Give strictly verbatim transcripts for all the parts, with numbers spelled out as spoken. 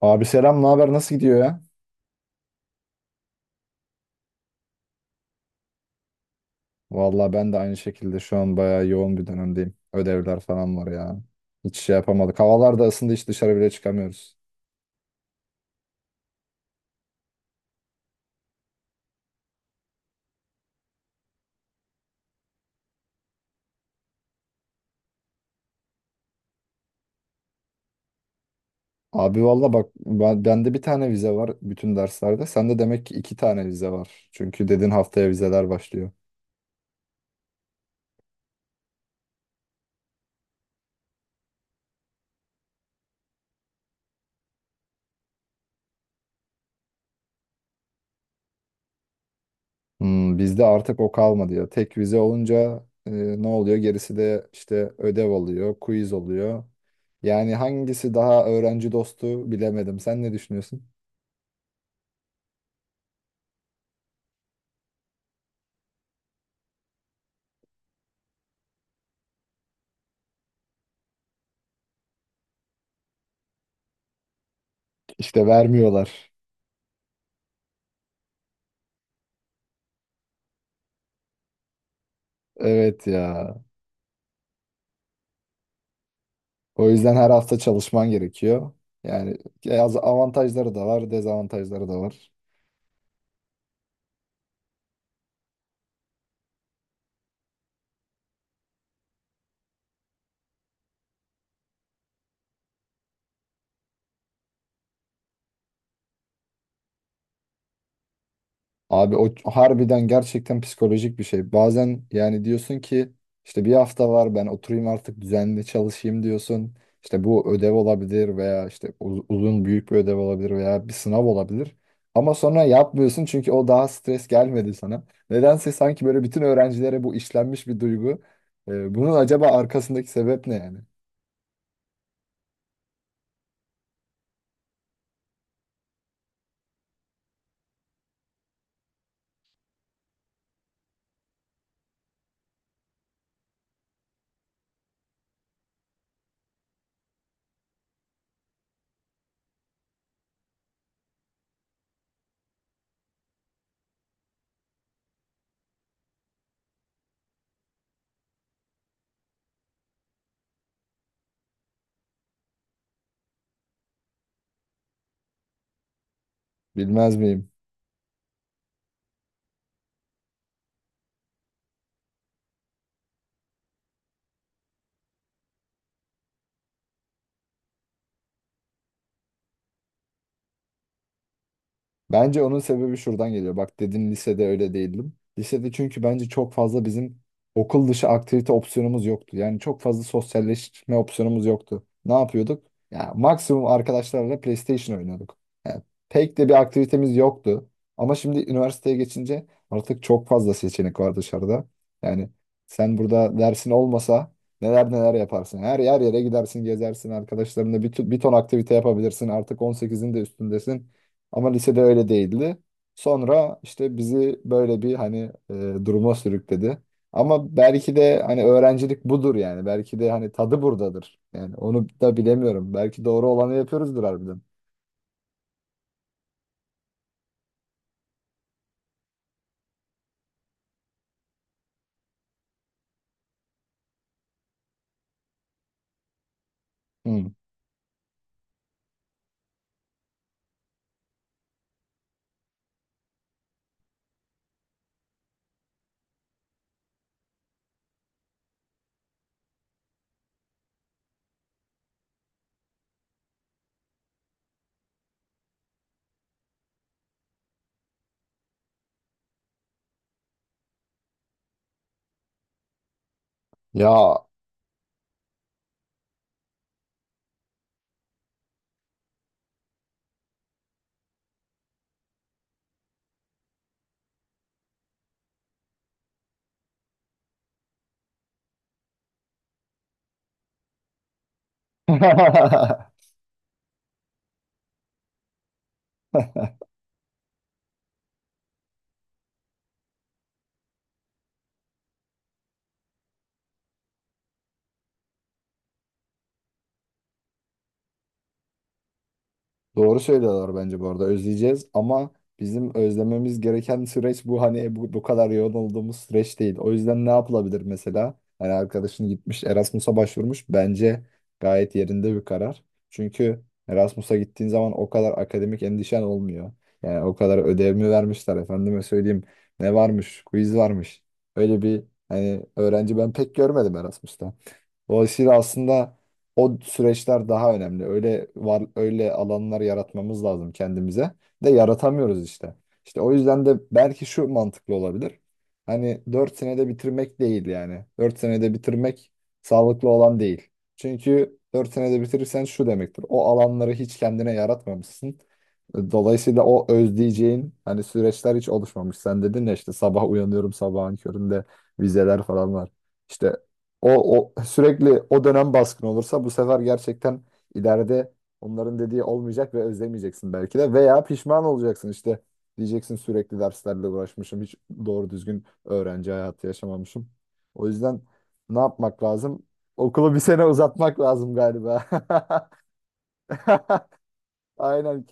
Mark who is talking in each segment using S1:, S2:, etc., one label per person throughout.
S1: Abi selam, ne haber? Nasıl gidiyor ya? Vallahi ben de aynı şekilde şu an bayağı yoğun bir dönemdeyim. Ödevler falan var ya. Hiç şey yapamadık. Havalar da ısındı, hiç dışarı bile çıkamıyoruz. Abi valla bak ben, bende bir tane vize var bütün derslerde. Sende demek ki iki tane vize var. Çünkü dedin haftaya vizeler başlıyor. Hmm, bizde artık o kalmadı ya. Tek vize olunca e, ne oluyor? Gerisi de işte ödev oluyor, quiz oluyor. Yani hangisi daha öğrenci dostu bilemedim. Sen ne düşünüyorsun? İşte vermiyorlar. Evet ya. O yüzden her hafta çalışman gerekiyor. Yani az- avantajları da var, dezavantajları da var. Abi o ç- harbiden gerçekten psikolojik bir şey. Bazen yani diyorsun ki işte bir hafta var ben oturayım artık düzenli çalışayım diyorsun. İşte bu ödev olabilir veya işte uz- uzun büyük bir ödev olabilir veya bir sınav olabilir. Ama sonra yapmıyorsun çünkü o daha stres gelmedi sana. Nedense sanki böyle bütün öğrencilere bu işlenmiş bir duygu. Ee, Bunun acaba arkasındaki sebep ne yani? Bilmez miyim? Bence onun sebebi şuradan geliyor. Bak dedin lisede öyle değildim. Lisede çünkü bence çok fazla bizim okul dışı aktivite opsiyonumuz yoktu. Yani çok fazla sosyalleşme opsiyonumuz yoktu. Ne yapıyorduk? Ya maksimum arkadaşlarla PlayStation oynuyorduk. Yani pek de bir aktivitemiz yoktu. Ama şimdi üniversiteye geçince artık çok fazla seçenek var dışarıda. Yani sen burada dersin olmasa neler neler yaparsın. Her yer yere gidersin, gezersin arkadaşlarınla bir, t- bir ton aktivite yapabilirsin. Artık on sekizin de üstündesin. Ama lisede öyle değildi. Sonra işte bizi böyle bir hani e, duruma sürükledi. Ama belki de hani öğrencilik budur yani. Belki de hani tadı buradadır. Yani onu da bilemiyorum. Belki doğru olanı yapıyoruzdur harbiden. Hmm. Ya doğru söylüyorlar bence bu arada, özleyeceğiz ama bizim özlememiz gereken süreç bu hani bu, bu kadar yoğun olduğumuz süreç değil. O yüzden ne yapılabilir mesela? Hani arkadaşın gitmiş Erasmus'a başvurmuş, bence gayet yerinde bir karar. Çünkü Erasmus'a gittiğin zaman o kadar akademik endişen olmuyor. Yani o kadar ödev mi vermişler efendime söyleyeyim, ne varmış, quiz varmış. Öyle bir hani öğrenci ben pek görmedim Erasmus'ta. Dolayısıyla aslında o süreçler daha önemli. Öyle var öyle alanlar yaratmamız lazım kendimize. De yaratamıyoruz işte. İşte o yüzden de belki şu mantıklı olabilir. Hani dört senede bitirmek değil yani. dört senede bitirmek sağlıklı olan değil. Çünkü dört senede bitirirsen şu demektir. O alanları hiç kendine yaratmamışsın. Dolayısıyla o özleyeceğin hani süreçler hiç oluşmamış. Sen dedin ya işte sabah uyanıyorum sabahın köründe vizeler falan var. İşte o, o sürekli o dönem baskın olursa bu sefer gerçekten ileride onların dediği olmayacak ve özlemeyeceksin belki de veya pişman olacaksın işte, diyeceksin sürekli derslerle uğraşmışım, hiç doğru düzgün öğrenci hayatı yaşamamışım. O yüzden ne yapmak lazım? Okulu bir sene uzatmak lazım galiba. Aynen.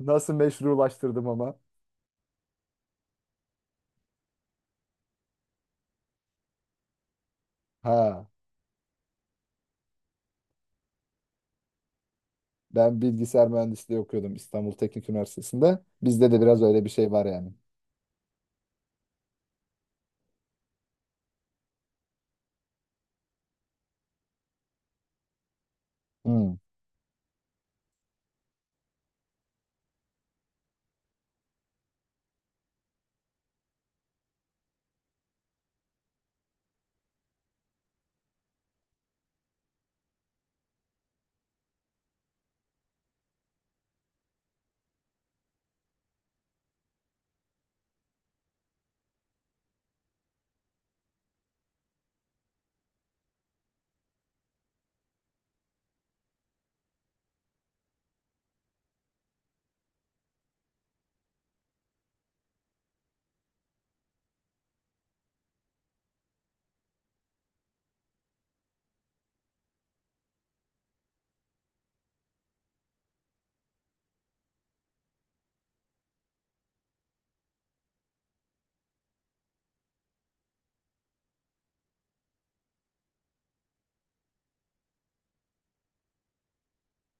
S1: Nasıl meşrulaştırdım ama. Ha, ben bilgisayar mühendisliği okuyordum İstanbul Teknik Üniversitesi'nde. Bizde de biraz öyle bir şey var yani. Hmm.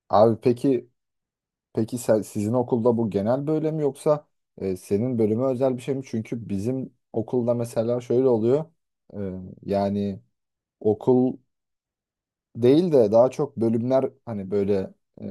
S1: Abi peki, peki sen- sizin okulda bu genel böyle mi yoksa e, senin bölüme özel bir şey mi? Çünkü bizim okulda mesela şöyle oluyor. E, yani okul değil de daha çok bölümler hani böyle e,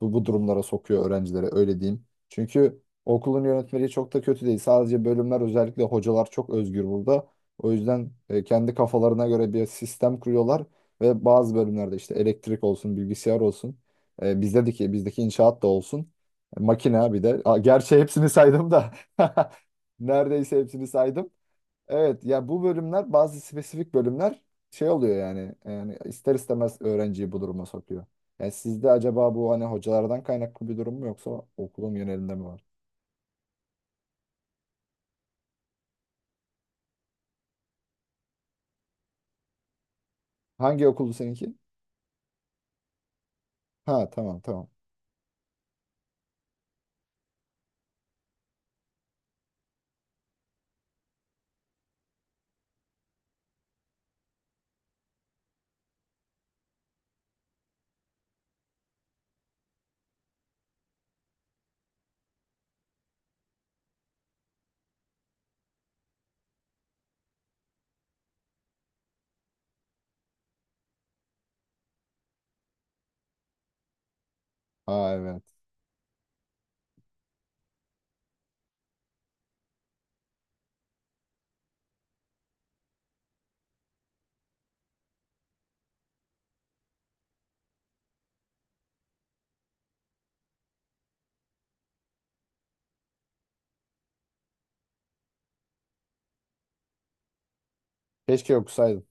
S1: bu, bu durumlara sokuyor öğrencileri, öyle diyeyim. Çünkü okulun yönetmeliği çok da kötü değil. Sadece bölümler, özellikle hocalar çok özgür burada. O yüzden e, kendi kafalarına göre bir sistem kuruyorlar ve bazı bölümlerde işte elektrik olsun, bilgisayar olsun, e, bizdeki bizdeki inşaat da olsun, makine bir de. Aa, gerçi hepsini saydım da neredeyse hepsini saydım. Evet ya bu bölümler, bazı spesifik bölümler şey oluyor yani, yani ister istemez öğrenciyi bu duruma sokuyor. Yani sizde acaba bu hani hocalardan kaynaklı bir durum mu yoksa okulun genelinde mi var? Hangi okuldu seninki? Ha tamam tamam. Ha evet. Keşke okusaydım.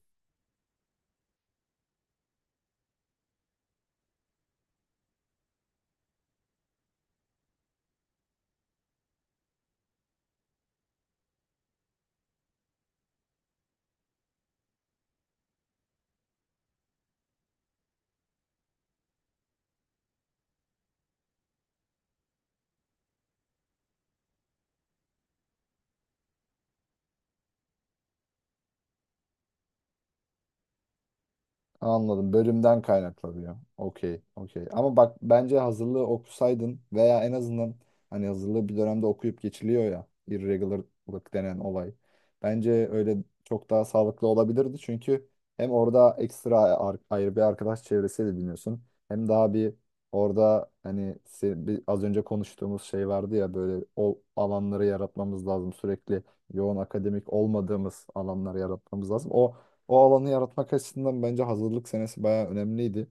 S1: Anladım. Bölümden kaynaklanıyor. Okey, okey. Ama bak bence hazırlığı okusaydın veya en azından hani hazırlığı bir dönemde okuyup geçiliyor ya, irregularlık denen olay. Bence öyle çok daha sağlıklı olabilirdi çünkü hem orada ekstra ar- ayrı bir arkadaş çevresi de ediniyorsun. Hem daha bir orada hani se- bir- az önce konuştuğumuz şey vardı ya böyle o alanları yaratmamız lazım. Sürekli yoğun akademik olmadığımız alanları yaratmamız lazım. O o alanı yaratmak açısından bence hazırlık senesi bayağı önemliydi.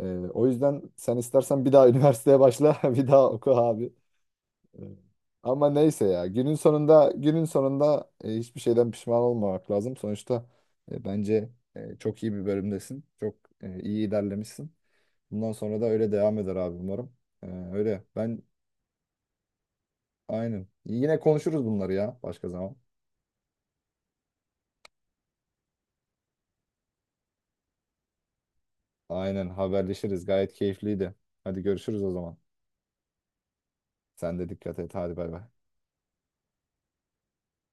S1: Ee, o yüzden sen istersen bir daha üniversiteye başla, bir daha oku abi. Ee, ama neyse ya, günün sonunda günün sonunda e, hiçbir şeyden pişman olmamak lazım. Sonuçta e, bence e, çok iyi bir bölümdesin. Çok e, iyi ilerlemişsin. Bundan sonra da öyle devam eder abi umarım. Ee, öyle ben aynen. Yine konuşuruz bunları ya başka zaman. Aynen haberleşiriz. Gayet keyifliydi. Hadi görüşürüz o zaman. Sen de dikkat et. Hadi bay bay.